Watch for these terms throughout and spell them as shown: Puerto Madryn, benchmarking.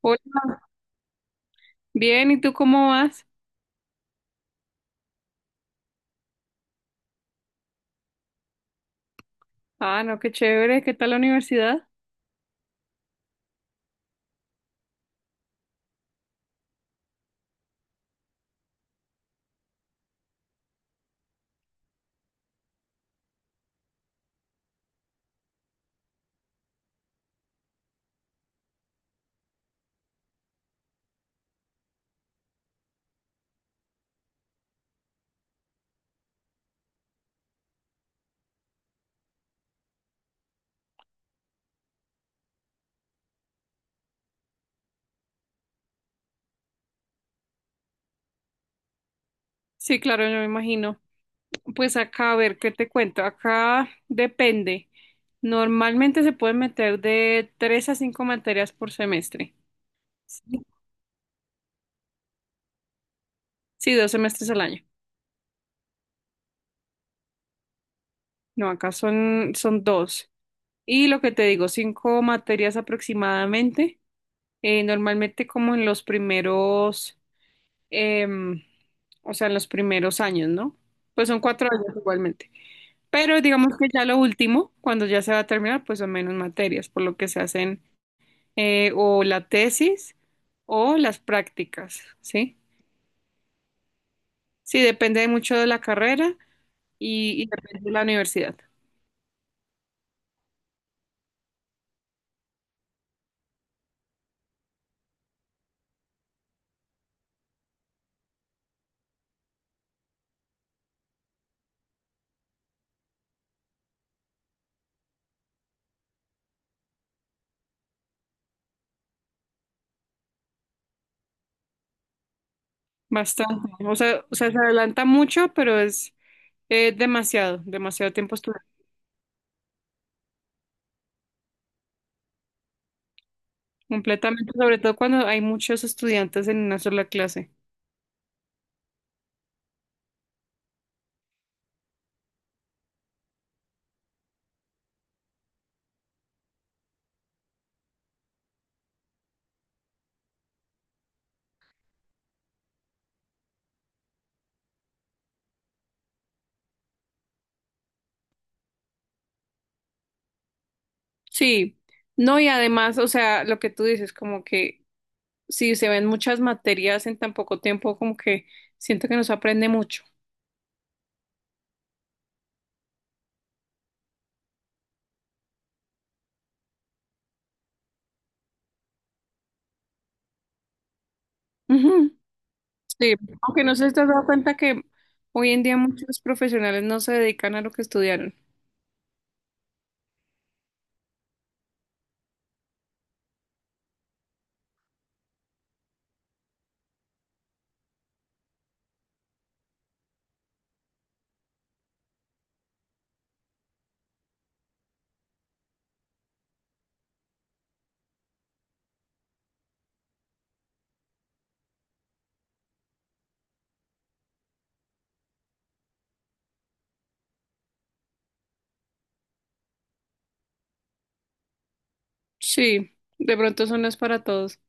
Hola, bien, ¿y tú cómo vas? Ah, no, qué chévere, ¿qué tal la universidad? Sí, claro, yo me imagino. Pues acá, a ver, ¿qué te cuento? Acá depende. Normalmente se pueden meter de tres a cinco materias por semestre. Sí, sí, dos semestres al año. No, acá son, son dos. Y lo que te digo, cinco materias aproximadamente. Normalmente como en los primeros, em, o sea, en los primeros años, ¿no? Pues son cuatro años igualmente. Pero digamos que ya lo último, cuando ya se va a terminar, pues son menos materias, por lo que se hacen o la tesis o las prácticas, ¿sí? Sí, depende mucho de la carrera y depende de la universidad. Bastante. O sea, se adelanta mucho, pero es demasiado, demasiado tiempo estudiando. Completamente, sobre todo cuando hay muchos estudiantes en una sola clase. Sí, no, y además, o sea, lo que tú dices, como que si se ven muchas materias en tan poco tiempo, como que siento que no se aprende mucho. Ujú, sí, aunque no sé si te has dado cuenta que hoy en día muchos profesionales no se dedican a lo que estudiaron. Sí, de pronto eso no es para todos.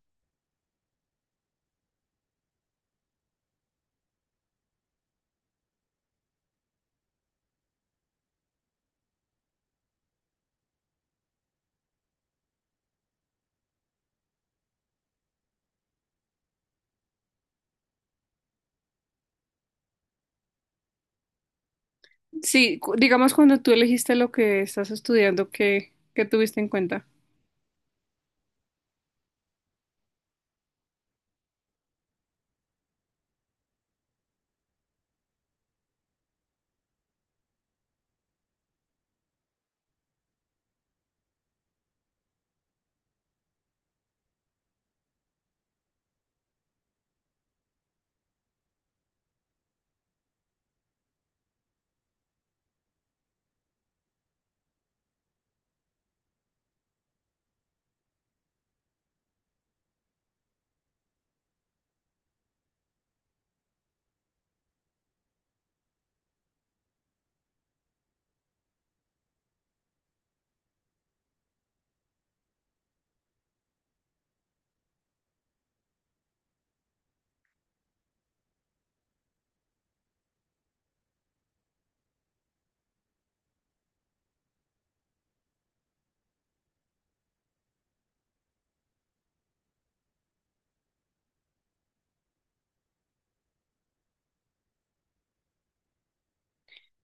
Sí, digamos cuando tú elegiste lo que estás estudiando, ¿qué, qué tuviste en cuenta?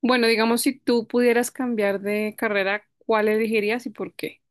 Bueno, digamos si tú pudieras cambiar de carrera, ¿cuál elegirías y por qué?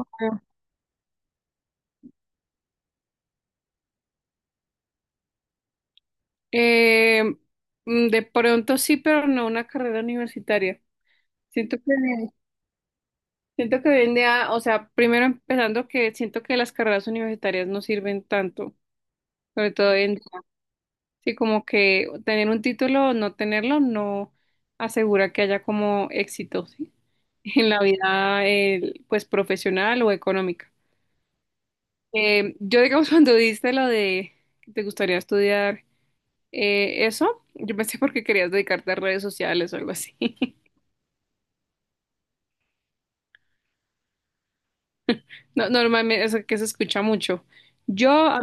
Ah. Eh, de pronto sí, pero no una carrera universitaria. Siento que Siento que hoy en día, o sea, primero empezando que siento que las carreras universitarias no sirven tanto, sobre todo hoy en día. Sí, como que tener un título o no tenerlo no asegura que haya como éxito, ¿sí? En la vida, pues, profesional o económica. Yo, digamos, cuando diste lo de que te gustaría estudiar eso, yo pensé porque querías dedicarte a redes sociales o algo así. No, normalmente, eso que se escucha mucho. Yo, a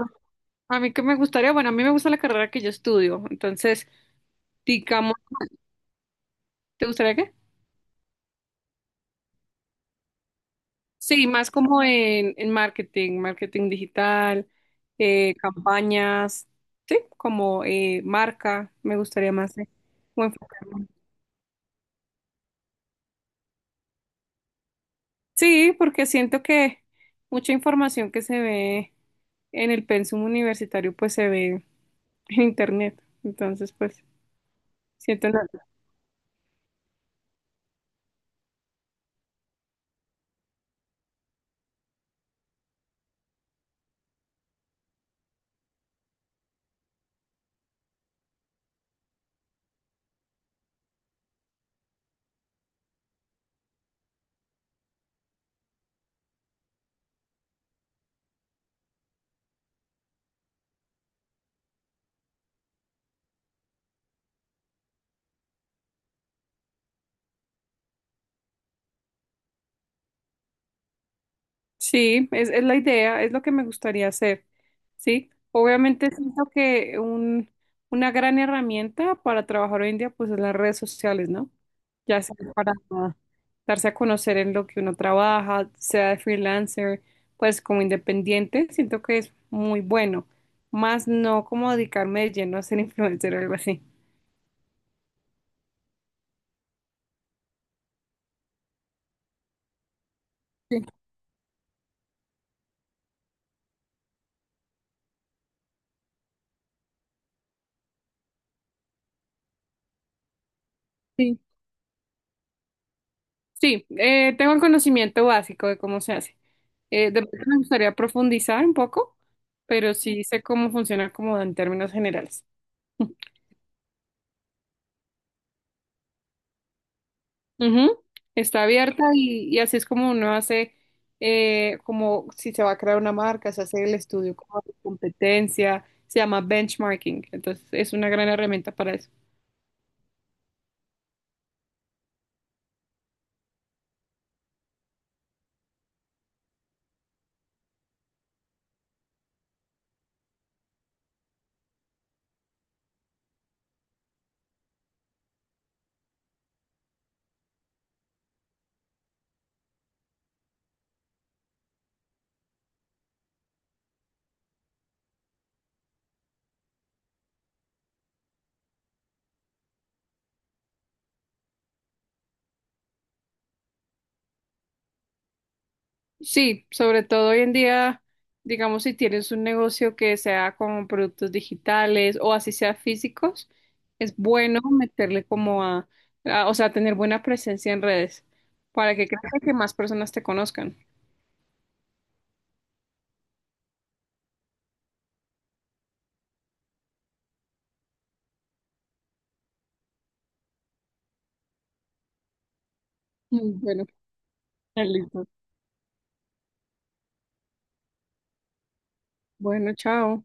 A mí que me gustaría, bueno, a mí me gusta la carrera que yo estudio, entonces, digamos, ¿te gustaría qué? Sí, más como en marketing, marketing digital, campañas, sí, como marca, me gustaría más como enfocarme. Sí, porque siento que mucha información que se ve en el pensum universitario, pues se ve en internet, entonces, pues, siento... no- Sí, es la idea, es lo que me gustaría hacer, ¿sí? Obviamente siento que un, una gran herramienta para trabajar hoy en día, pues, es las redes sociales, ¿no? Ya sea para darse a conocer en lo que uno trabaja, sea de freelancer, pues como independiente, siento que es muy bueno, más no como dedicarme de lleno a ser influencer o algo así. Sí. Sí, tengo el conocimiento básico de cómo se hace. De pronto me gustaría profundizar un poco, pero sí sé cómo funciona como en términos generales. Ujú. Está abierta y así es como uno hace, como si se va a crear una marca, se hace el estudio como de competencia, se llama benchmarking, entonces es una gran herramienta para eso. Sí, sobre todo hoy en día, digamos, si tienes un negocio que sea con productos digitales o así sea físicos, es bueno meterle como a- o sea, tener buena presencia en redes para que crezca que más personas te conozcan. Mm, bueno, listo. Bueno, chao.